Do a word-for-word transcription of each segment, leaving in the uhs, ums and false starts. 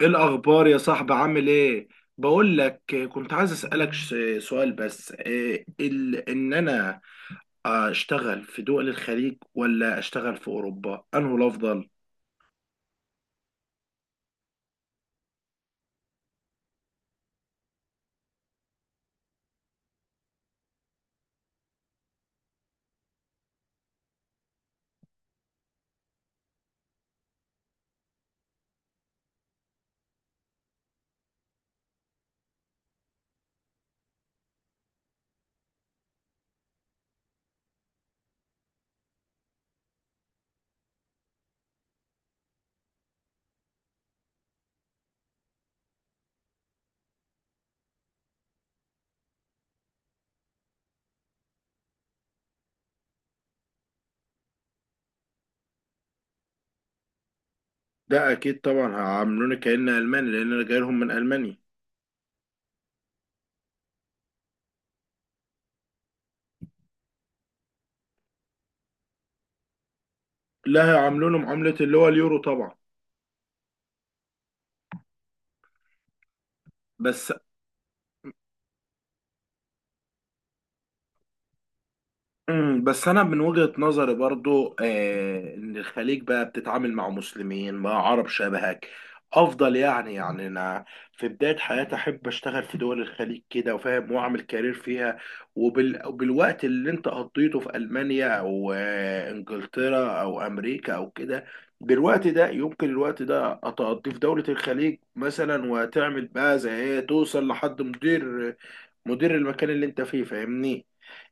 ايه الاخبار يا صاحبي، عامل ايه؟ بقول لك. كنت عايز اسالك ش- سؤال، بس إيه ال... ان انا اشتغل في دول الخليج ولا اشتغل في اوروبا، انه الافضل؟ ده اكيد طبعا هيعاملوني كأن الماني، لان انا جاي لهم من المانيا. لا، هيعاملوني معاملة اللي هو اليورو طبعا. بس امم بس انا من وجهة نظري برضو آه ان الخليج بقى بتتعامل مع مسلمين، مع عرب شبهك، افضل. يعني يعني انا في بداية حياتي احب اشتغل في دول الخليج كده، وفاهم، واعمل كارير فيها. وبال... وبالوقت اللي انت قضيته في المانيا، او آه انجلترا او امريكا او كده، بالوقت ده يمكن الوقت ده اتقضيه في دولة الخليج مثلا، وتعمل بقى زي ايه، توصل لحد مدير مدير المكان اللي انت فيه، فاهمني؟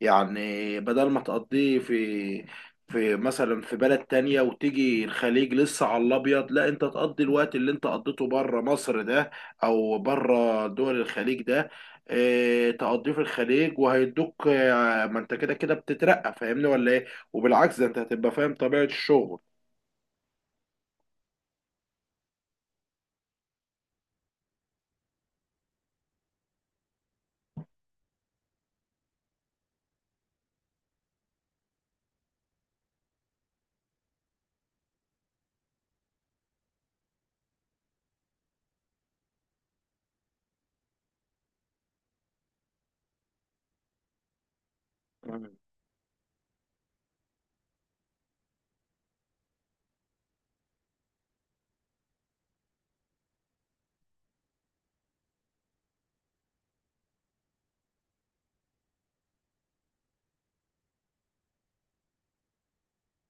يعني بدل ما تقضيه في في مثلا في بلد تانية، وتيجي الخليج لسه على الأبيض، لا، انت تقضي الوقت اللي انت قضيته بره مصر ده، أو بره دول الخليج ده، اه تقضيه في الخليج وهيدوك. اه ما انت كده كده بتترقى، فاهمني ولا ايه؟ وبالعكس ده، انت هتبقى فاهم طبيعة الشغل.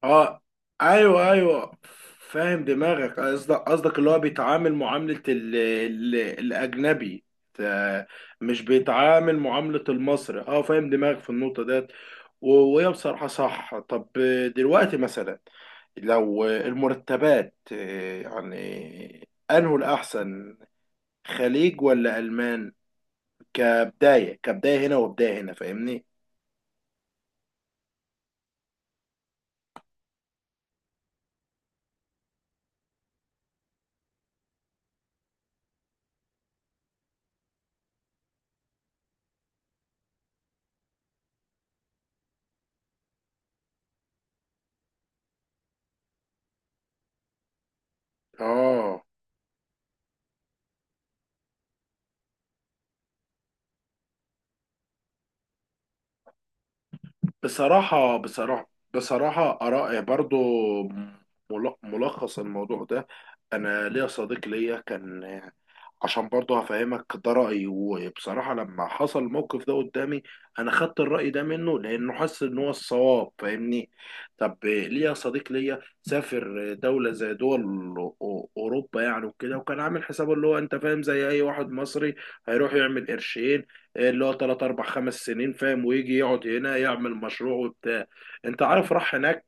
اه، ايوه ايوه. فاهم دماغك. قصدك قصدك اللي هو بيتعامل معاملة ال ال الأجنبي. ت- مش بيتعامل معاملة المصري. اه فاهم دماغك في النقطة ديت. و- وهي بصراحة صح. طب دلوقتي مثلا، لو المرتبات آه، يعني أنه الأحسن، خليج ولا ألمان؟ كبداية كبداية هنا وبداية هنا، فاهمني؟ اه، بصراحة بصراحة بصراحة آراء برضو. مل- ملخص الموضوع ده، أنا ليا صديق ليا كان، عشان برضه هفهمك ده رأيي، وبصراحة لما حصل الموقف ده قدامي أنا خدت الرأي ده منه، لأنه حس إن هو الصواب، فاهمني؟ طب ليه يا صديق ليا سافر دولة زي دول أو- أوروبا يعني وكده، وكان عامل حسابه اللي هو، أنت فاهم، زي أي واحد مصري هيروح يعمل قرشين، اللي هو تلات أربع خمس سنين فاهم، ويجي يقعد هنا يعمل مشروع وبتاع. أنت عارف، راح هناك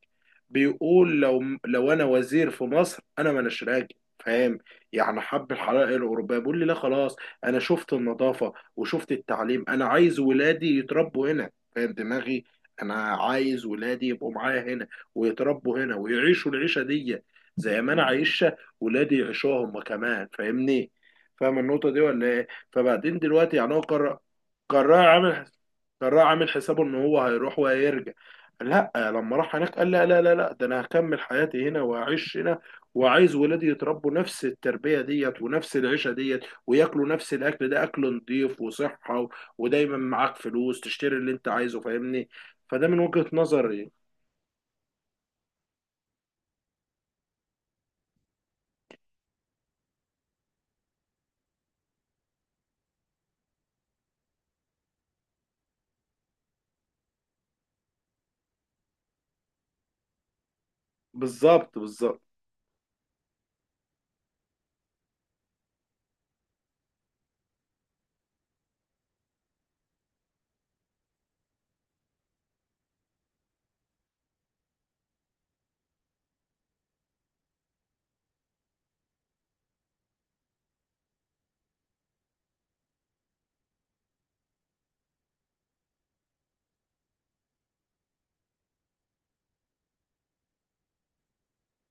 بيقول، لو لو أنا وزير في مصر أنا ما راجل، فاهم؟ يعني حب الحضاره الاوروبيه. بيقول لي، لا خلاص، انا شفت النظافه وشفت التعليم، انا عايز ولادي يتربوا هنا. فاهم دماغي؟ انا عايز ولادي يبقوا معايا هنا، ويتربوا هنا، ويعيشوا العيشه دي زي ما انا عايشها، ولادي يعيشوها هم كمان، فاهمني؟ فاهم النقطه دي ولا ايه؟ فبعدين دلوقتي يعني هو قرر. قرع عامل قرع عامل حسابه ان هو هيروح وهيرجع. لا، لما راح هناك قال، لا لا لا لا، ده انا هكمل حياتي هنا وهعيش هنا، وعايز ولادي يتربوا نفس التربيه ديت ونفس العيشه ديت، وياكلوا نفس الاكل ده، اكل نضيف وصحه، و- ودايما معاك فلوس تشتري اللي انت عايزه، فاهمني؟ فده من وجهة نظري. بالظبط، بالظبط،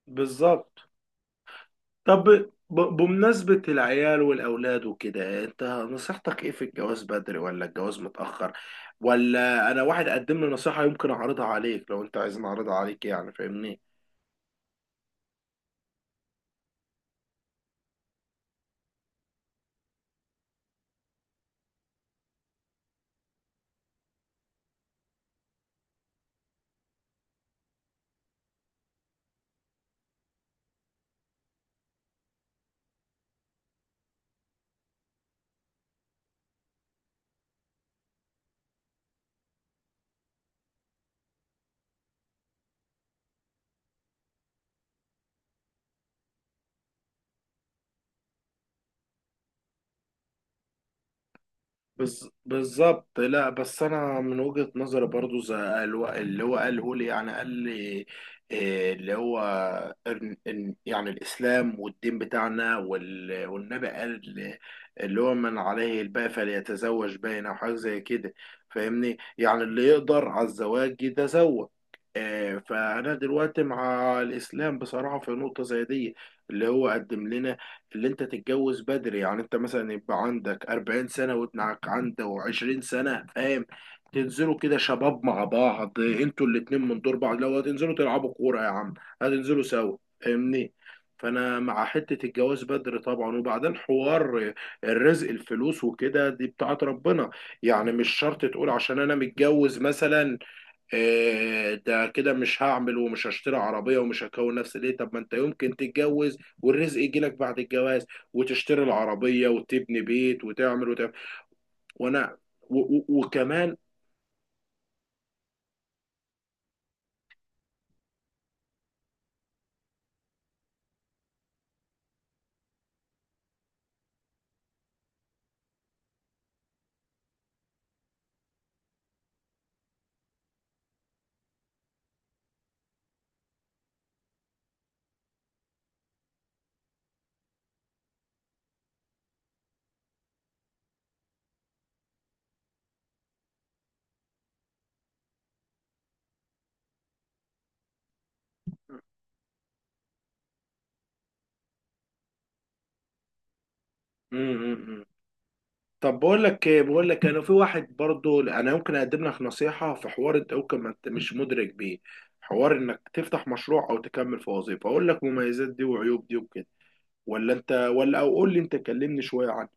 بالظبط. طب ب- بمناسبة العيال والأولاد وكده، أنت نصيحتك إيه؟ في الجواز بدري ولا الجواز متأخر؟ ولا، أنا واحد قدم لي نصيحة، يمكن أعرضها عليك لو أنت عايز، أعرضها عليك يعني، فاهمني؟ بز... بالظبط. لا، بس انا من وجهة نظري برضو، زي الو- اللي هو قاله لي، يعني قال لي إيه اللي هو، إن... إن يعني الاسلام والدين بتاعنا، وال... والنبي قال، اللي هو، من عليه الباء فليتزوج باين او حاجه زي كده، فاهمني؟ يعني اللي يقدر على الزواج يتزوج. إيه، فانا دلوقتي مع الاسلام بصراحه في نقطه زي دي، اللي هو قدم لنا، اللي انت تتجوز بدري. يعني انت مثلا يبقى عندك اربعين سنة، وابنك عنده عشرين سنة، فاهم؟ تنزلوا كده شباب مع بعض، انتوا الاتنين من دور بعض. لو هتنزلوا تلعبوا كورة يا عم، هتنزلوا سوا، فاهمني؟ فانا مع حتة الجواز بدري طبعا. وبعدين، حوار الرزق، الفلوس وكده دي بتاعت ربنا. يعني مش شرط تقول، عشان انا متجوز مثلا آه، ده كده مش هعمل، ومش هشتري عربية، ومش هكون نفسي. ليه؟ طب ما انت يمكن تتجوز والرزق يجيلك بعد الجواز، وتشتري العربية، وتبني بيت، وتعمل وتعمل. وانا و و وكمان. م -م -م. طب بقول لك ايه، بقول لك، انا في واحد برضو انا يمكن اقدم لك نصيحة، في حوار انت يمكن ما انت مش مدرك بيه، حوار انك تفتح مشروع او تكمل في وظيفة. اقول لك مميزات دي وعيوب دي وكده، ولا انت، ولا، او قول لي انت، كلمني شوية عنه.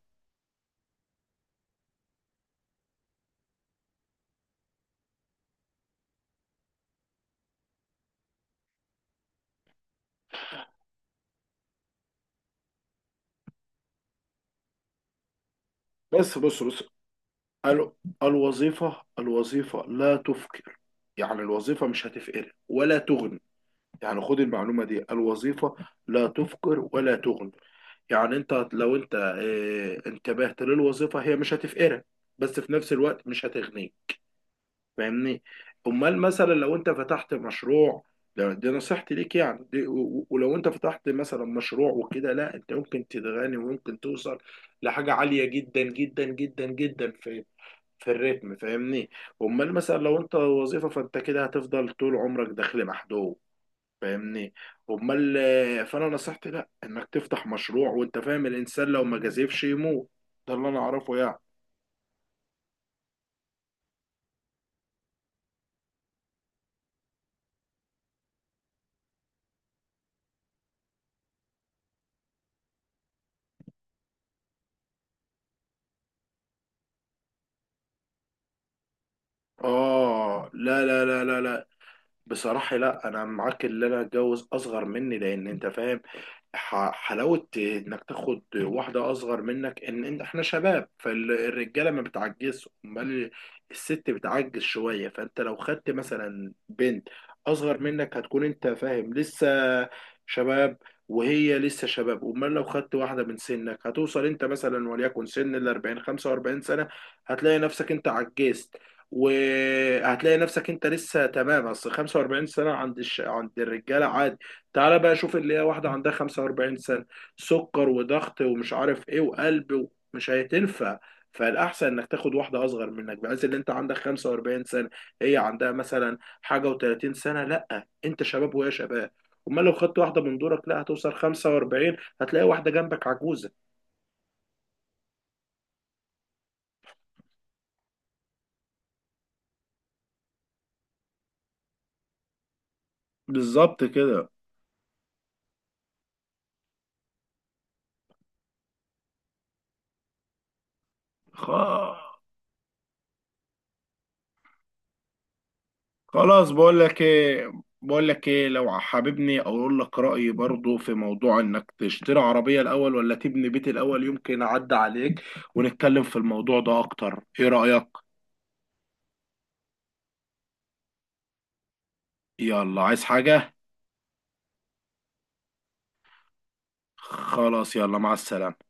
بس بص بص. ال- الوظيفة الوظيفة لا تفقر. يعني الوظيفة مش هتفقر ولا تغني. يعني خد المعلومة دي، الوظيفة لا تفقر ولا تغني. يعني انت لو انت اه انتبهت للوظيفة، هي مش هتفقرك، بس في نفس الوقت مش هتغنيك، فاهمني؟ امال مثلا لو انت فتحت مشروع، ده- دي نصيحتي ليك يعني، دي و- و- ولو انت فتحت مثلا مشروع وكده، لا، انت ممكن تتغني، وممكن توصل لحاجة عالية جدا جدا جدا جدا في في الريتم، فاهمني؟ امال مثلا لو انت وظيفه، فانت كده هتفضل طول عمرك داخل محدود، فاهمني؟ امال آه، فانا نصيحتي، لا، انك تفتح مشروع. وانت فاهم، الانسان لو ما جازفش يموت. ده اللي انا اعرفه يعني. اه، لا لا لا لا لا، بصراحة لا، أنا معاك. اللي أنا أتجوز أصغر مني، لأن أنت فاهم ح- حلاوة إنك تاخد واحدة أصغر منك، إن إن إحنا شباب. فالرجالة ما بتعجزش، أمال الست بتعجز شوية. فأنت لو خدت مثلا بنت أصغر منك، هتكون أنت فاهم لسه شباب، وهي لسه شباب. أمال لو خدت واحدة من سنك، هتوصل أنت مثلا، وليكن سن الأربعين، خمسة وأربعين سنة، هتلاقي نفسك أنت عجزت، وهتلاقي نفسك انت لسه تمام. اصل خمسة واربعين سنه عند الش... عند الرجاله عادي. تعالى بقى شوف اللي هي واحده عندها خمسة واربعين سنه، سكر وضغط ومش عارف ايه وقلب و... مش هتنفع. فالاحسن انك تاخد واحده اصغر منك، بحيث ان انت عندك خمسة واربعين سنه، هي عندها مثلا حاجه و تلاتين سنه، لا، انت شباب وهي شباب. امال لو خدت واحده من دورك، لا، هتوصل خمسة واربعين هتلاقي واحده جنبك عجوزه. بالظبط كده. خا خلاص، بقول لك ايه، بقول لك ايه، لو حاببني اقول لك رايي برضو في موضوع انك تشتري عربيه الاول ولا تبني بيت الاول، يمكن اعدي عليك ونتكلم في الموضوع ده اكتر، ايه رايك؟ يلا عايز حاجه؟ خلاص، يلا مع السلامه.